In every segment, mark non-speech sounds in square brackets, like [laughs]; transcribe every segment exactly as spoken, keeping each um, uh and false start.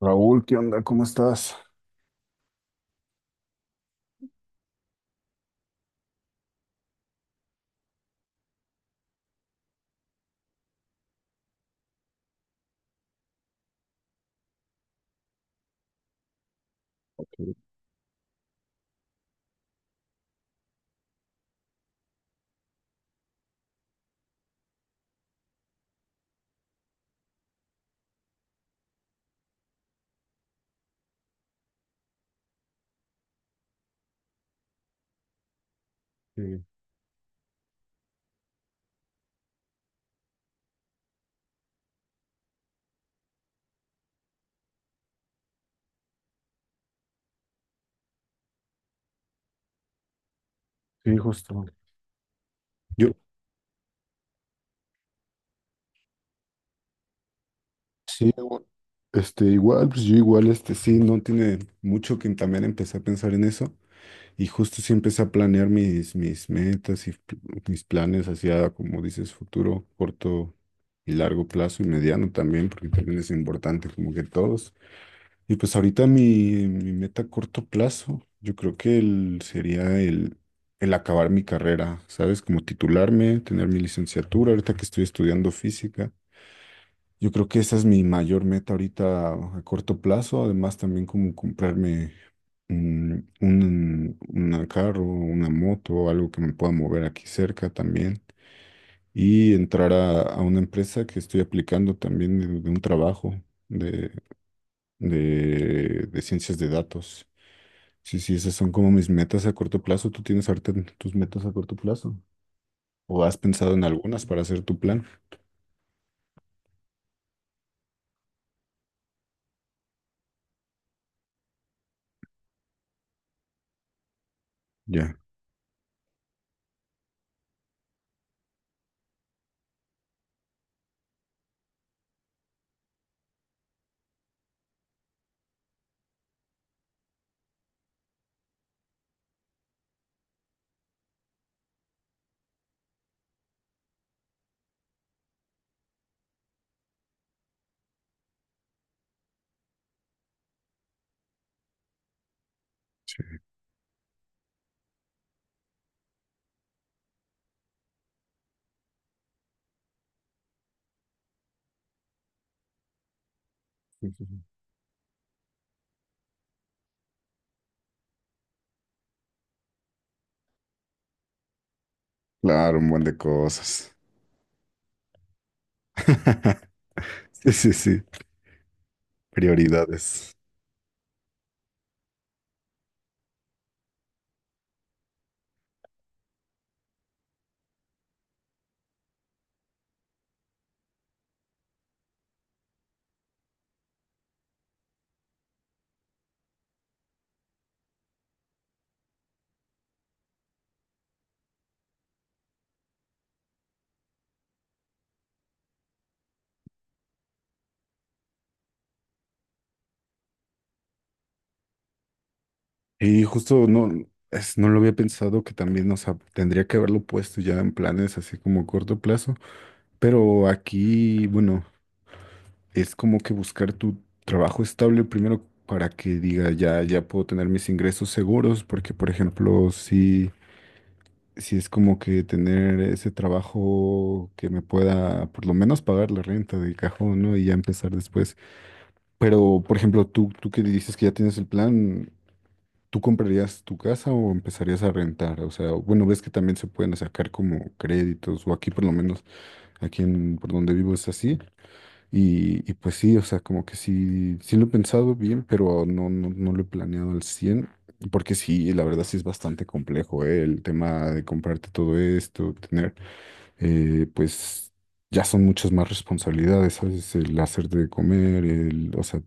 Raúl, ¿qué onda? ¿Cómo estás? Sí, sí, justo. Yo, sí, o- este, igual, pues yo igual, este, sí, no tiene mucho que también empecé a pensar en eso y justo sí empecé a planear mis, mis metas y pl- mis planes hacia, como dices, futuro, corto y largo plazo y mediano también, porque también es importante, como que todos. Y pues ahorita mi, mi meta a corto plazo, yo creo que el, sería el, el acabar mi carrera, ¿sabes? Como titularme, tener mi licenciatura, ahorita que estoy estudiando física. Yo creo que esa es mi mayor meta ahorita a corto plazo, además también como comprarme un, un, una carro, una moto, algo que me pueda mover aquí cerca también. Y entrar a, a una empresa que estoy aplicando también de, de un trabajo de, de ciencias de datos. Sí, sí, esas son como mis metas a corto plazo. ¿Tú tienes ahorita tus metas a corto plazo? ¿O has pensado en algunas para hacer tu plan? Ya. Sí, sí, sí, sí. Claro, un buen de cosas. [laughs] Sí, sí, sí. Prioridades. Y justo no, es- no lo había pensado que también, o sea, tendría que haberlo puesto ya en planes así como a corto plazo. Pero aquí, bueno, es como que buscar tu trabajo estable primero para que diga ya, ya puedo tener mis ingresos seguros, porque por ejemplo, si, si es como que tener ese trabajo que me pueda por lo menos pagar la renta de cajón, ¿no? Y ya empezar después. Pero por ejemplo, tú, tú que dices que ya tienes el plan, ¿tú comprarías tu casa o empezarías a rentar? O sea, bueno, ves que también se pueden sacar como créditos, o aquí por lo menos, aquí en, por donde vivo es así y, y pues sí, o sea, como que sí, sí lo he pensado bien, pero no, no, no lo he planeado al cien porque sí, la verdad sí es bastante complejo, ¿eh? El tema de comprarte todo esto, tener, eh, pues ya son muchas más responsabilidades, ¿sabes? El hacerte de comer, el, o sea,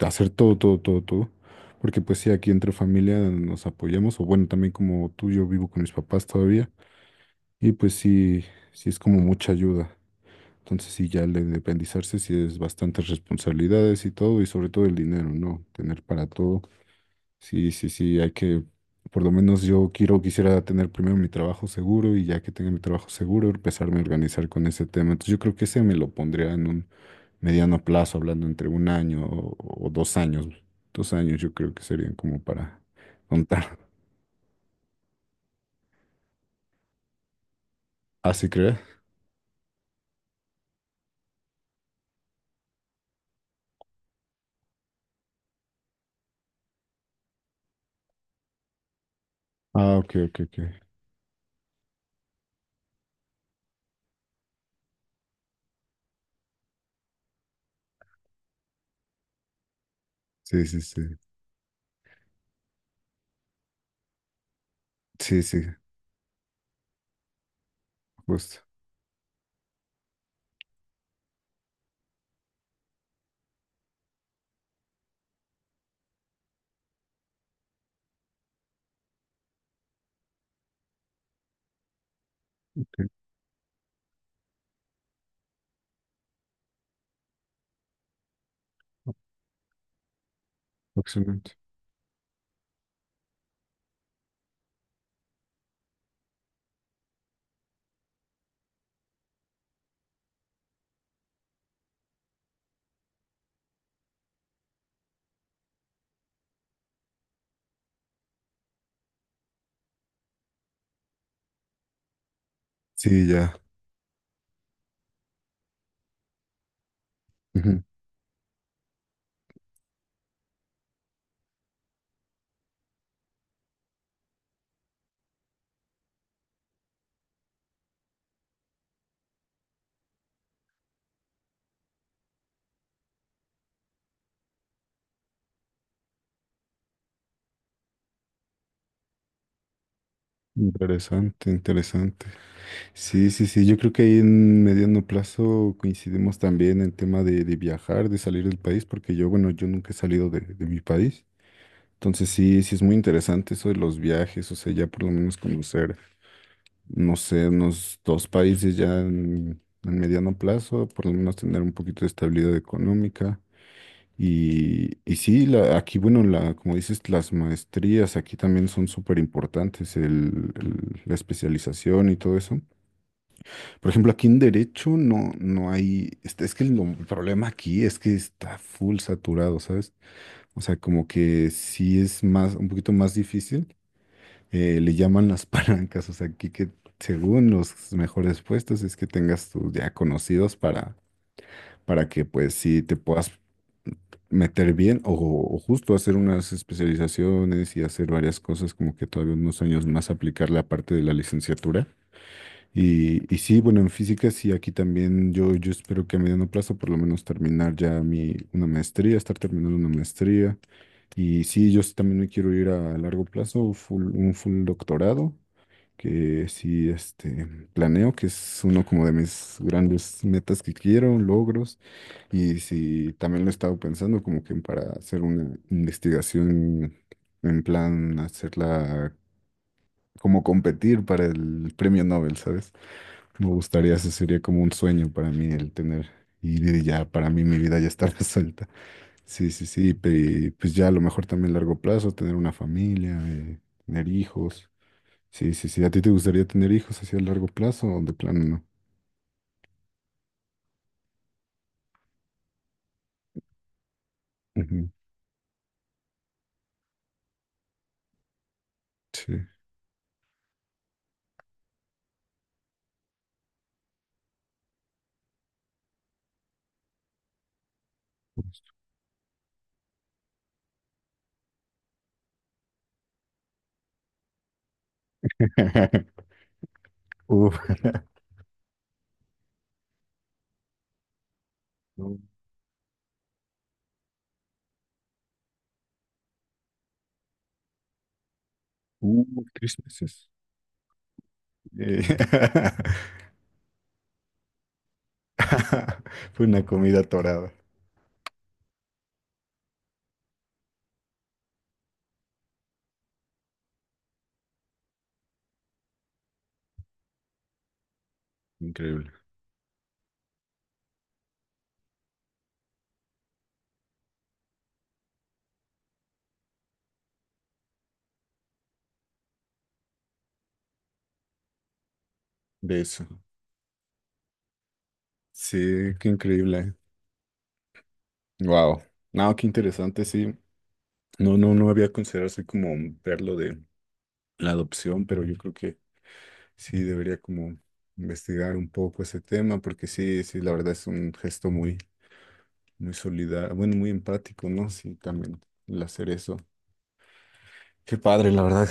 hacer todo, todo, todo, todo. Porque pues sí, aquí entre familia nos apoyamos, o bueno, también como tú, yo vivo con mis papás todavía, y pues sí, sí es como mucha ayuda. Entonces sí, ya al independizarse sí es bastantes responsabilidades y todo, y sobre todo el dinero, ¿no? Tener para todo. Sí, sí, sí, hay que, por lo menos yo quiero, quisiera tener primero mi trabajo seguro y ya que tenga mi trabajo seguro, empezarme a organizar con ese tema. Entonces yo creo que ese me lo pondría en un mediano plazo, hablando entre un año o, o dos años. Dos años yo creo que serían como para contar. [laughs] ¿Ah, sí crees? Ah, ok, ok, ok. Sí, sí, sí. Sí, sí, justo. Ok, excelente. Sí, ya. Ujú. Interesante, interesante. Sí, sí, sí, yo creo que ahí en mediano plazo coincidimos también en el tema de, de viajar, de salir del país, porque yo, bueno, yo nunca he salido de, de mi país. Entonces sí, sí es muy interesante eso de los viajes, o sea, ya por lo menos conocer, no sé, unos dos países ya en, en mediano plazo, por lo menos tener un poquito de estabilidad económica. Y, y sí, la- aquí, bueno, la, como dices, las maestrías aquí también son súper importantes, el- el- la especialización y todo eso. Por ejemplo, aquí en Derecho no, no hay, este, es que el, el problema aquí es que está full saturado, ¿sabes? O sea, como que sí es más, un poquito más difícil, eh, le llaman las [laughs] palancas, o sea, aquí que según los mejores puestos es que tengas tus ya conocidos para para que pues sí te puedas meter bien o, o justo hacer unas especializaciones y hacer varias cosas como que todavía unos años más aplicar la parte de la licenciatura. Y, y sí, bueno, en física sí, aquí también yo, yo espero que a mediano plazo por lo menos terminar ya mi, una maestría, estar terminando una maestría. Y sí, yo sí también me quiero ir a largo plazo, full- un full doctorado que sí, este, planeo, que es uno como de mis grandes metas que quiero, logros, y sí también lo he estado pensando como que para hacer una investigación en plan hacerla como competir para el premio Nobel, ¿sabes? Me gustaría, eso sería como un sueño para mí el tener, y ya para mí mi vida ya está [laughs] resuelta. Sí, sí, sí, pe- pues ya a lo mejor también a largo plazo, tener una familia, eh, tener hijos. Sí, sí, sí. ¿A ti te gustaría tener hijos hacia a largo plazo o de plano no? Ujú. Sí. [laughs] Uf. [laughs] No. Uh, tres meses. Eh, [laughs] Fue una comida torada. Increíble. De eso. Sí, qué increíble. Wow. No, qué interesante, sí. No, no, no había considerado así como verlo de la adopción, pero yo creo que sí debería como investigar un poco ese tema, porque sí, sí, la verdad es un gesto muy muy solidario, bueno, muy empático, ¿no? Sí, también el hacer eso. Qué padre, la verdad.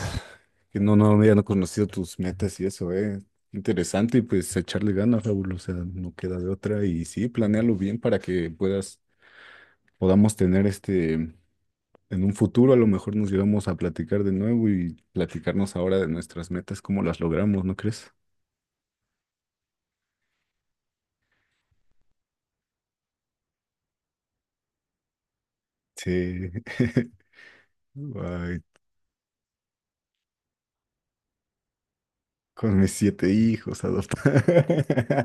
Que no, no había no conocido tus metas y eso, ¿eh? Interesante y pues echarle ganas, Raúl, o sea, no queda de otra y sí, planéalo bien para que puedas, podamos tener este, en un futuro a lo mejor nos llegamos a platicar de nuevo y platicarnos ahora de nuestras metas, cómo las logramos, ¿no crees? Sí. [laughs] Ay, con mis siete hijos adoptados. [laughs]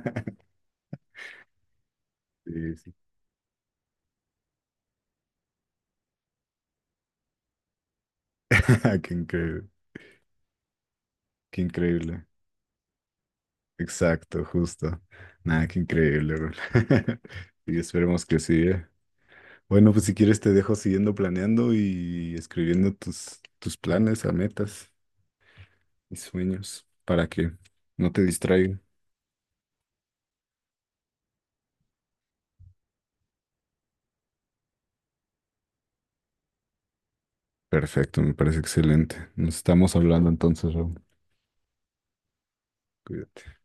Sí, sí. [laughs] Qué increíble. Qué increíble. Exacto, justo. Nada, qué increíble, bro. [laughs] Y esperemos que sí, ¿eh? Bueno, pues si quieres te dejo siguiendo planeando y escribiendo tus, tus planes a metas y sueños para que no te distraigan. Perfecto, me parece excelente. Nos estamos hablando entonces, Raúl. Cuídate.